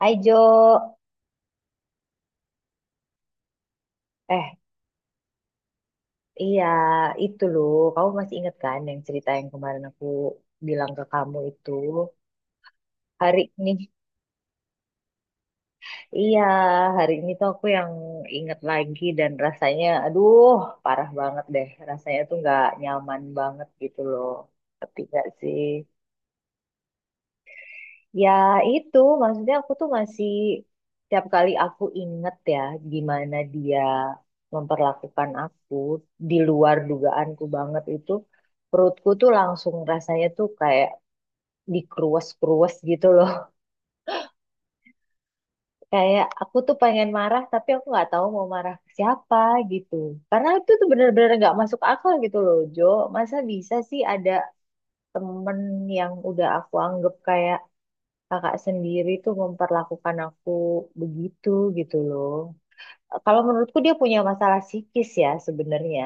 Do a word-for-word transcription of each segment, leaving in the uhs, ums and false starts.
Hai Jo, eh iya itu loh, kamu masih inget kan yang cerita yang kemarin aku bilang ke kamu itu hari ini? Iya, hari ini tuh aku yang inget lagi dan rasanya, aduh parah banget deh, rasanya tuh nggak nyaman banget gitu loh, tapi gak sih? Ya itu maksudnya aku tuh masih tiap kali aku inget ya gimana dia memperlakukan aku di luar dugaanku banget itu perutku tuh langsung rasanya tuh kayak dikruas-kruas gitu loh. Kayak aku tuh pengen marah tapi aku nggak tahu mau marah ke siapa gitu. Karena itu tuh bener-bener nggak masuk akal gitu loh Jo. Masa bisa sih ada temen yang udah aku anggap kayak kakak sendiri tuh memperlakukan aku begitu gitu loh. Kalau menurutku dia punya masalah psikis ya sebenarnya.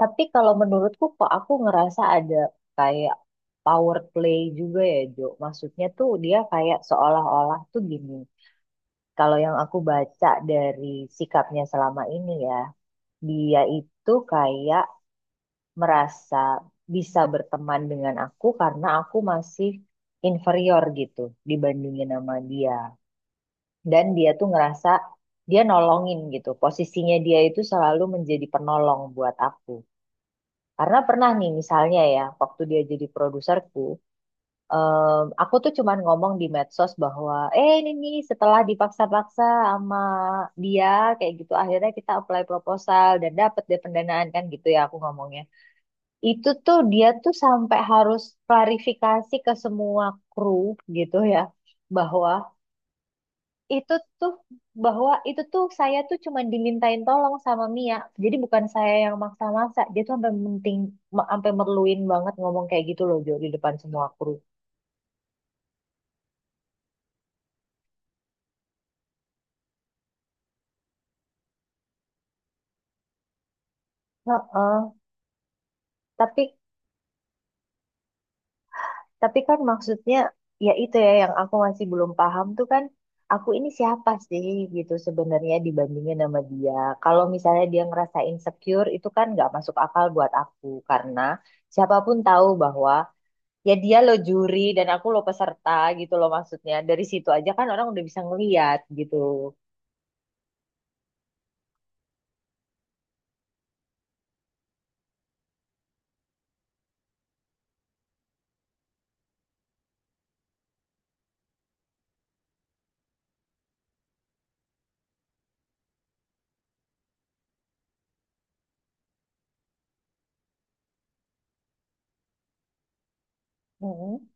Tapi kalau menurutku kok aku ngerasa ada kayak power play juga ya Jo. Maksudnya tuh dia kayak seolah-olah tuh gini. Kalau yang aku baca dari sikapnya selama ini ya, dia itu kayak merasa bisa berteman dengan aku karena aku masih inferior gitu dibandingin sama dia. Dan dia tuh ngerasa dia nolongin gitu. Posisinya dia itu selalu menjadi penolong buat aku. Karena pernah nih misalnya ya, waktu dia jadi produserku, em, aku tuh cuman ngomong di medsos bahwa, eh ini nih setelah dipaksa-paksa sama dia kayak gitu, akhirnya kita apply proposal dan dapet deh pendanaan kan gitu ya aku ngomongnya. Itu tuh dia tuh sampai harus klarifikasi ke semua kru gitu ya, bahwa itu tuh bahwa itu tuh saya tuh cuma dimintain tolong sama Mia. Jadi bukan saya yang maksa-maksa. Dia tuh sampai penting sampai merluin banget ngomong kayak gitu loh Jo di depan semua kru. Heeh. Tapi tapi kan maksudnya ya itu ya yang aku masih belum paham tuh kan aku ini siapa sih gitu sebenarnya dibandingin sama dia. Kalau misalnya dia ngerasa insecure itu kan nggak masuk akal buat aku karena siapapun tahu bahwa ya dia lo juri dan aku lo peserta gitu loh maksudnya dari situ aja kan orang udah bisa ngeliat gitu. Mm-mm.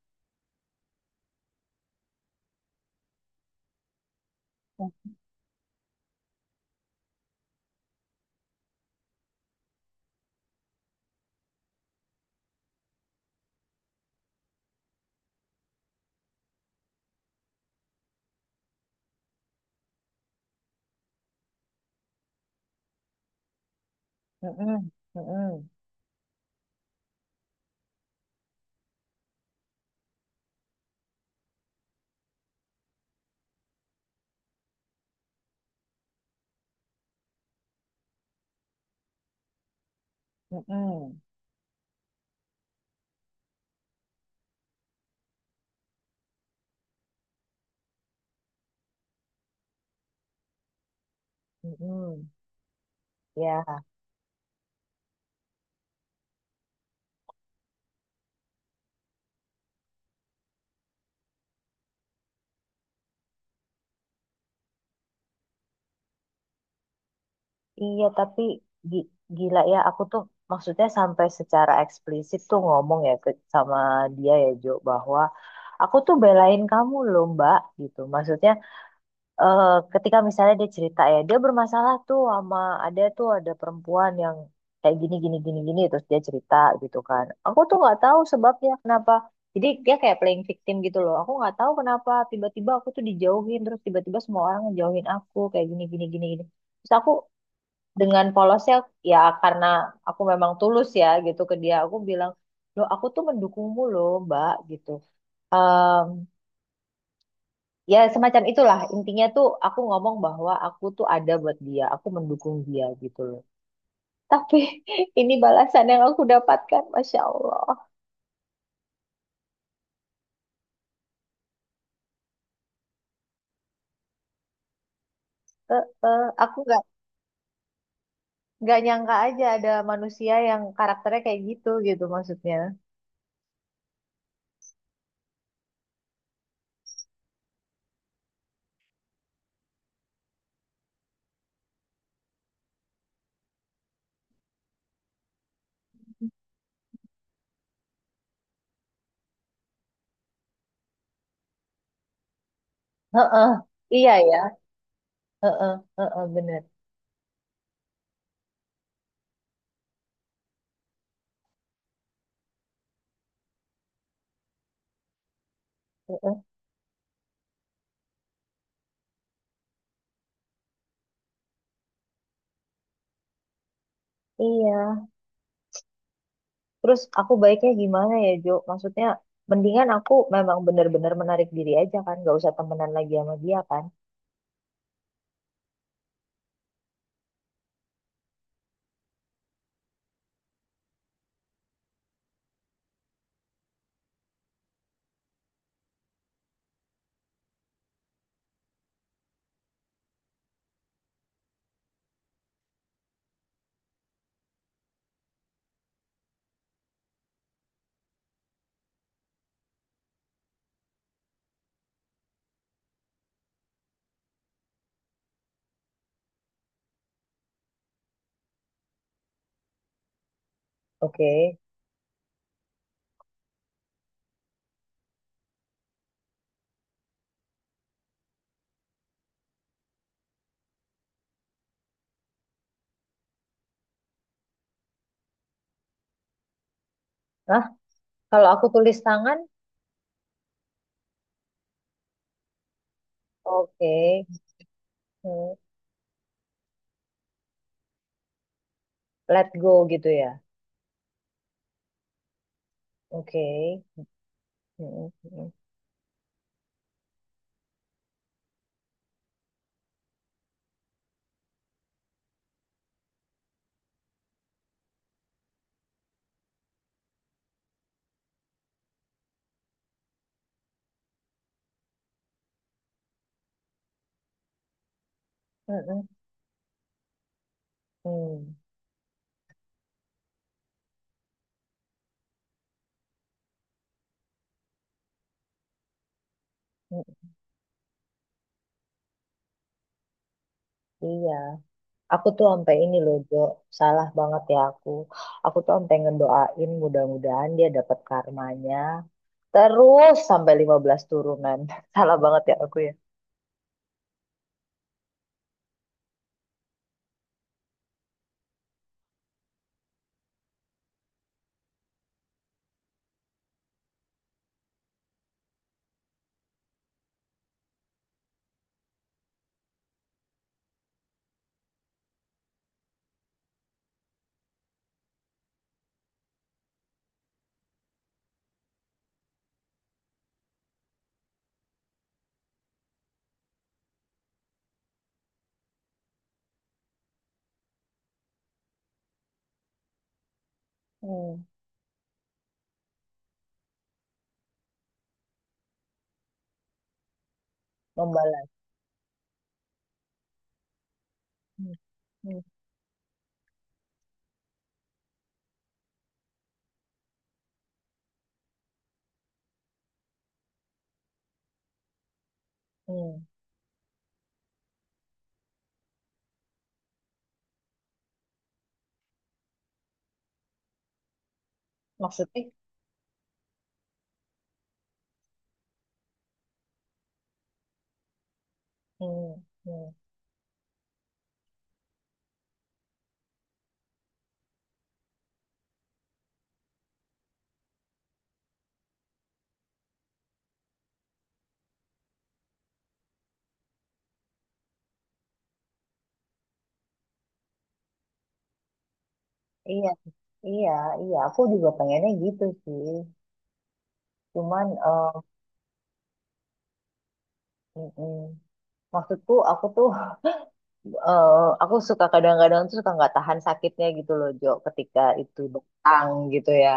Mm-mm, mm-mm, mm-mm, mm-mm. Ya iya tapi gi- gila ya aku tuh maksudnya sampai secara eksplisit tuh ngomong ya ke sama dia ya Jo bahwa aku tuh belain kamu loh Mbak gitu maksudnya, eh, ketika misalnya dia cerita ya dia bermasalah tuh sama ada tuh ada perempuan yang kayak gini gini gini gini terus dia cerita gitu kan aku tuh nggak tahu sebabnya kenapa jadi dia kayak playing victim gitu loh aku nggak tahu kenapa tiba-tiba aku tuh dijauhin terus tiba-tiba semua orang ngejauhin aku kayak gini gini gini gini terus aku dengan polosnya ya karena aku memang tulus ya gitu ke dia aku bilang loh aku tuh mendukungmu loh mbak gitu ya semacam itulah intinya tuh aku ngomong bahwa aku tuh ada buat dia aku mendukung dia gitu loh tapi ini balasan yang aku dapatkan masya Allah. Eh, eh, aku nggak nggak nyangka aja ada manusia yang karakternya kayak gitu gitu maksudnya. Heeh. Iya ya. Heeh, heeh, bener. Heeh, iya terus aku baiknya gimana ya Jo maksudnya mendingan aku memang bener-bener menarik diri aja kan nggak usah temenan lagi sama dia kan. Oke. Nah, kalau aku tulis tangan. Oke. Hmm. Let go gitu ya. Oke. Hmm, hmm, hmm, hmm, hmm, hmm. Iya. Aku tuh sampai ini loh, Jo. Salah banget ya aku. Aku tuh sampai ngedoain mudah-mudahan dia dapat karmanya. Terus sampai lima belas turunan. Salah banget ya aku ya. Hmm. Membalas. Hmm. Hmm. Hmm. Maksudnya, hmm. Hmm. Iya, iya, iya. Aku juga pengennya gitu sih. Cuman, eh, mm, mm. Maksudku aku tuh eh, aku suka kadang-kadang tuh suka nggak tahan sakitnya gitu loh Jo ketika itu datang gitu ya.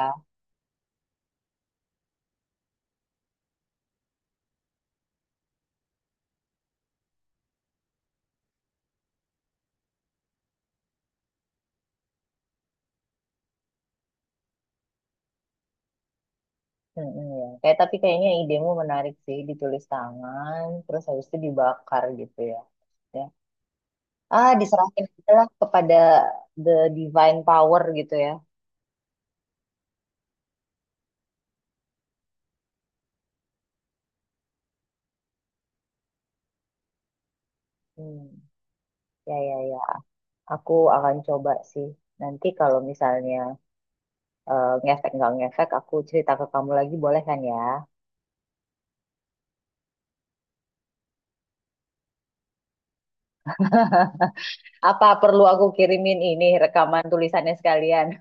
Mm-mm, ya. Kayak tapi kayaknya idemu menarik sih ditulis tangan terus habis itu dibakar gitu ya. Ya. Ah diserahin aja lah kepada the divine power gitu ya. Hmm. Ya ya ya. Aku akan coba sih. Nanti kalau misalnya eh, ngefek nggak ngefek aku cerita ke kamu lagi boleh kan ya? Apa perlu aku kirimin ini rekaman tulisannya sekalian?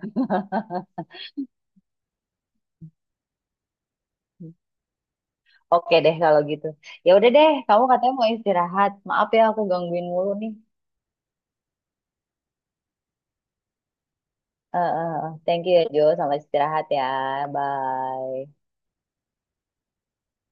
Oke deh kalau gitu. Ya udah deh, kamu katanya mau istirahat. Maaf ya aku gangguin mulu nih. Eh, eh, eh. thank you ya Jo, selamat istirahat ya. Bye.